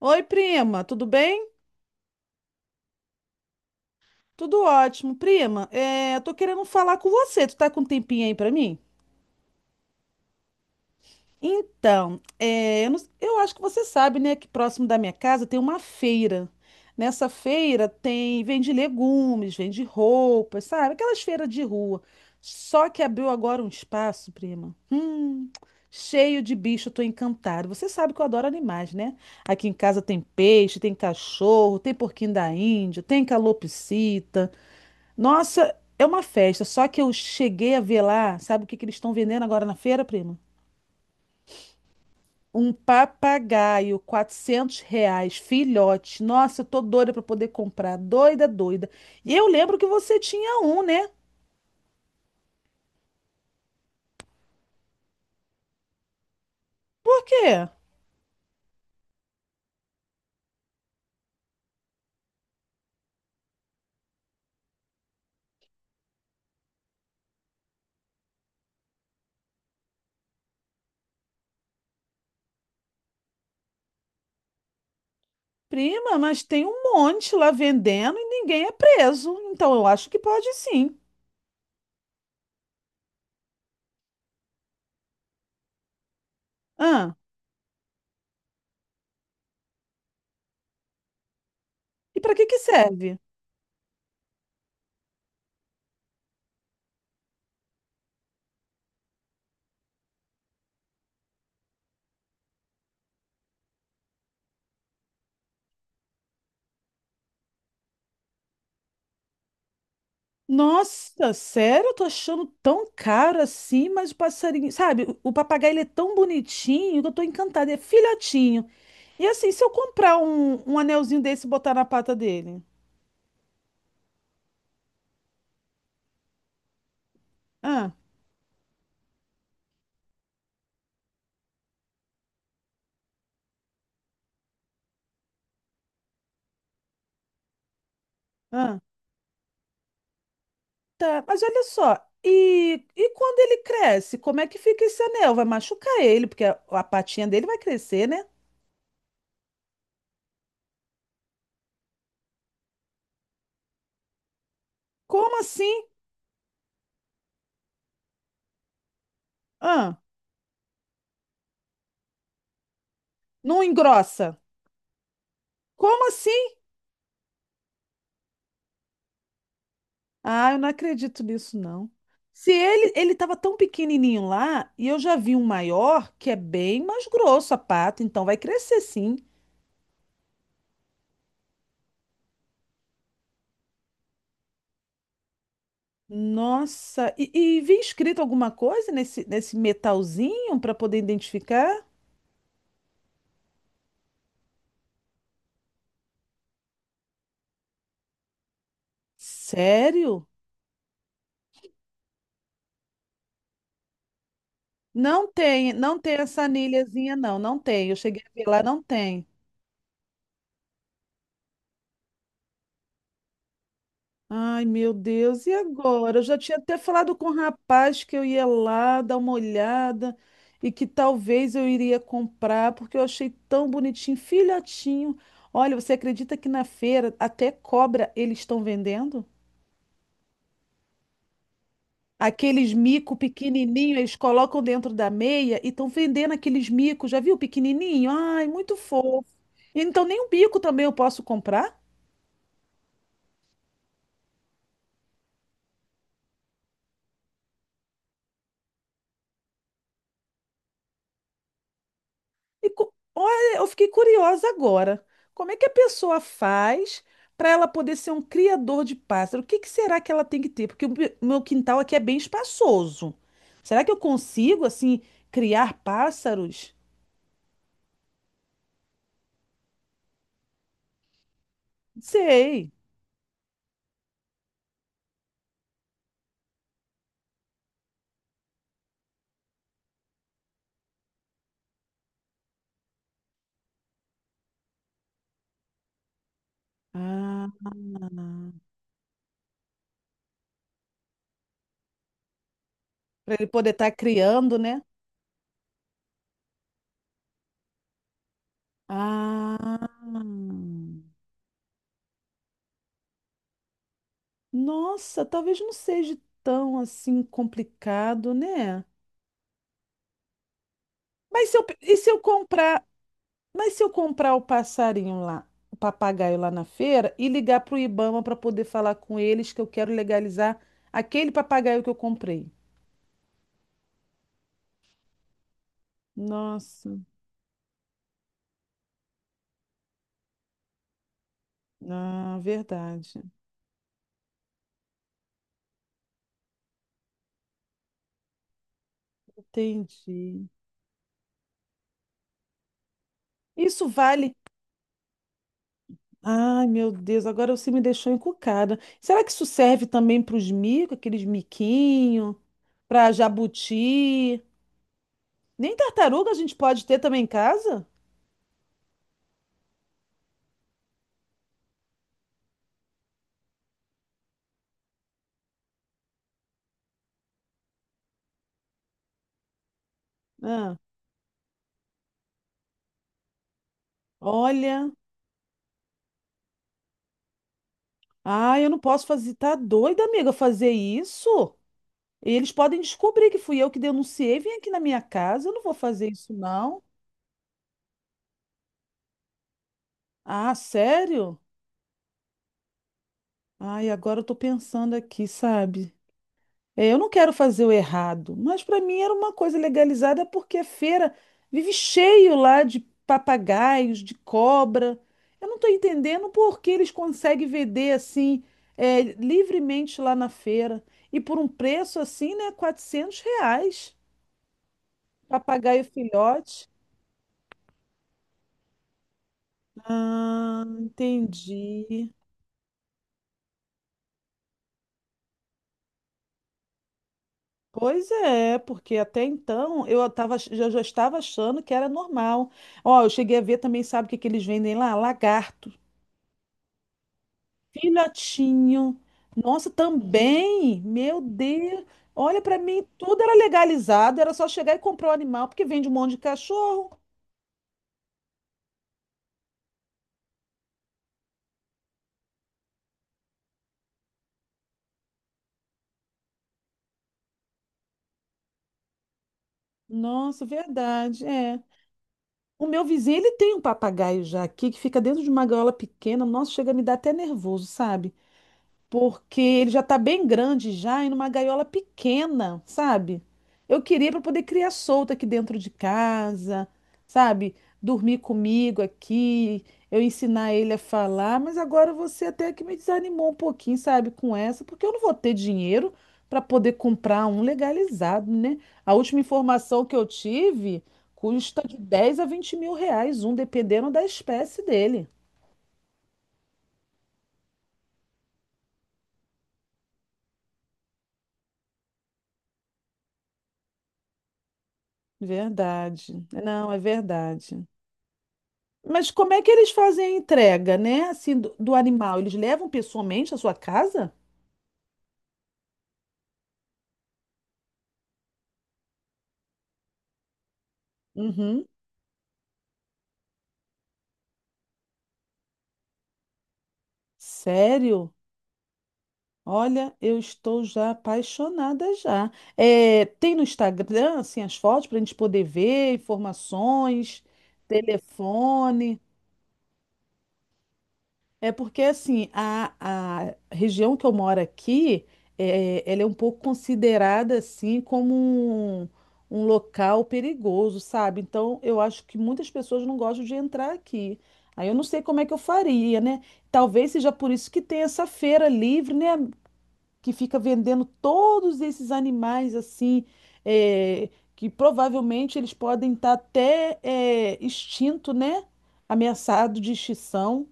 Oi, prima, tudo bem? Tudo ótimo. Prima, eu tô querendo falar com você. Tu tá com um tempinho aí pra mim? Então, é, eu, não- eu acho que você sabe, né, que próximo da minha casa tem uma feira. Nessa feira tem, vende legumes, vende roupas, sabe? Aquelas feiras de rua. Só que abriu agora um espaço, prima. Cheio de bicho, eu tô encantada. Você sabe que eu adoro animais, né? Aqui em casa tem peixe, tem cachorro, tem porquinho da Índia, tem calopsita. Nossa, é uma festa, só que eu cheguei a ver lá, sabe o que que eles estão vendendo agora na feira, prima? Um papagaio, R$ 400, filhote. Nossa, eu tô doida pra poder comprar, doida, doida. E eu lembro que você tinha um, né? Por quê? Prima, mas tem um monte lá vendendo e ninguém é preso. Então eu acho que pode sim. Ah, e pra que que serve? Nossa, sério? Eu tô achando tão caro assim, mas o passarinho, sabe? O papagaio ele é tão bonitinho que eu tô encantada, é filhotinho. E assim, se eu comprar um anelzinho desse e botar na pata dele? Ah, ah, tá. Mas olha só, e quando ele cresce, como é que fica esse anel? Vai machucar ele, porque a patinha dele vai crescer, né? Como assim? Ah, não engrossa. Como assim? Ah, eu não acredito nisso, não. Se ele tava tão pequenininho lá, e eu já vi um maior, que é bem mais grosso a pata, então vai crescer sim. Nossa, e vi escrito alguma coisa nesse metalzinho para poder identificar? Sério? Não tem essa anilhazinha, não tem. Eu cheguei a ver lá, não tem. Ai, meu Deus, e agora? Eu já tinha até falado com o rapaz que eu ia lá dar uma olhada e que talvez eu iria comprar, porque eu achei tão bonitinho, filhotinho. Olha, você acredita que na feira até cobra eles estão vendendo? Aqueles mico pequenininho, eles colocam dentro da meia e estão vendendo aqueles micos, já viu? Pequenininho? Ai, muito fofo. Então nem um bico também eu posso comprar? Olha, eu fiquei curiosa agora. Como é que a pessoa faz para ela poder ser um criador de pássaro? O que que será que ela tem que ter? Porque o meu quintal aqui é bem espaçoso. Será que eu consigo, assim, criar pássaros? Não sei. Ah, para ele poder estar criando, né? Ah, nossa, talvez não seja tão assim complicado, né? Mas se eu, e se eu comprar? Mas se eu comprar o passarinho lá, o papagaio lá na feira e ligar para o Ibama para poder falar com eles que eu quero legalizar aquele papagaio que eu comprei. Nossa, ah, verdade. Entendi. Isso vale. Ai, meu Deus, agora você me deixou encucada. Será que isso serve também para os micos, aqueles miquinhos, para jabuti? Nem tartaruga a gente pode ter também em casa? Ah, olha. Ah, eu não posso fazer. Tá doida, amiga, fazer isso? Eles podem descobrir que fui eu que denunciei. Vem aqui na minha casa, eu não vou fazer isso, não. Ah, sério? Ai, agora eu tô pensando aqui, sabe? É, eu não quero fazer o errado, mas pra mim era uma coisa legalizada porque a feira vive cheio lá de papagaios, de cobra. Eu não tô entendendo por que eles conseguem vender assim, é, livremente lá na feira e por um preço assim, né, R$ 400. Papagaio filhote. Ah, entendi. Pois é, porque até então eu eu já estava achando que era normal. Ó, eu cheguei a ver também, sabe o que que eles vendem lá? Lagarto. Filhotinho. Nossa, também. Meu Deus. Olha, para mim tudo era legalizado, era só chegar e comprar o animal, porque vende um monte de cachorro. Nossa, verdade, é. O meu vizinho, ele tem um papagaio já aqui, que fica dentro de uma gaiola pequena. Nossa, chega a me dar até nervoso, sabe? Porque ele já tá bem grande já e numa gaiola pequena, sabe? Eu queria para poder criar solto aqui dentro de casa, sabe? Dormir comigo aqui, eu ensinar ele a falar, mas agora você até que me desanimou um pouquinho, sabe, com essa, porque eu não vou ter dinheiro para poder comprar um legalizado, né? A última informação que eu tive custa de 10 a 20 mil reais um, dependendo da espécie dele. Verdade. Não, é verdade. Mas como é que eles fazem a entrega, né? Assim, do animal? Eles levam pessoalmente à sua casa? Uhum. Sério? Olha, eu estou já apaixonada já. É, tem no Instagram, assim, as fotos para a gente poder ver, informações, telefone. É porque assim, a região que eu moro aqui, é, ela é um pouco considerada assim como um, um local perigoso, sabe? Então eu acho que muitas pessoas não gostam de entrar aqui. Aí eu não sei como é que eu faria, né? Talvez seja por isso que tem essa feira livre, né? Que fica vendendo todos esses animais assim, é, que provavelmente eles podem estar até é, extinto, né? Ameaçado de extinção.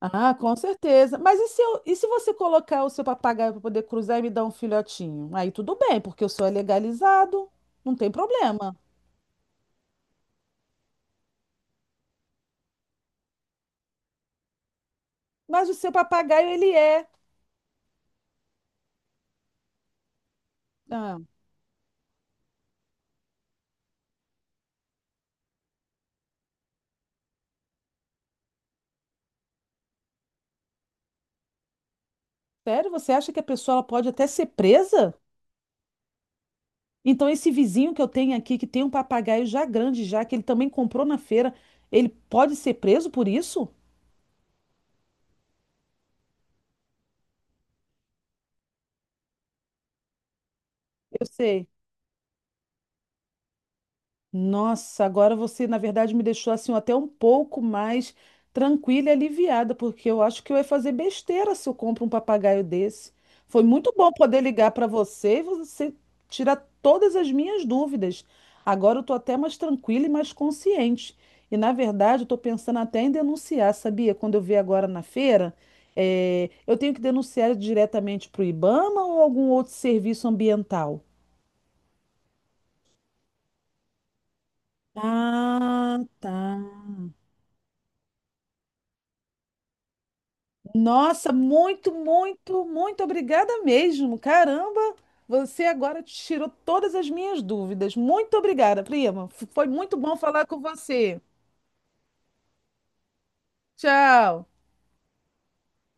Ah, com certeza. E se você colocar o seu papagaio para poder cruzar e me dar um filhotinho? Aí tudo bem, porque o seu é legalizado, não tem problema. Mas o seu papagaio, ele é. Ah, sério? Você acha que a pessoa ela pode até ser presa? Então, esse vizinho que eu tenho aqui, que tem um papagaio já grande, já, que ele também comprou na feira, ele pode ser preso por isso? Eu sei. Nossa, agora você, na verdade, me deixou assim até um pouco mais tranquila e aliviada, porque eu acho que eu ia fazer besteira se eu compro um papagaio desse. Foi muito bom poder ligar para você e você tirar todas as minhas dúvidas. Agora eu tô até mais tranquila e mais consciente. E, na verdade, eu tô pensando até em denunciar, sabia? Quando eu vi agora na feira, eu tenho que denunciar diretamente para o IBAMA ou algum outro serviço ambiental? Ah, tá. Nossa, muito, muito, muito obrigada mesmo. Caramba, você agora tirou todas as minhas dúvidas. Muito obrigada, prima. Foi muito bom falar com você. Tchau.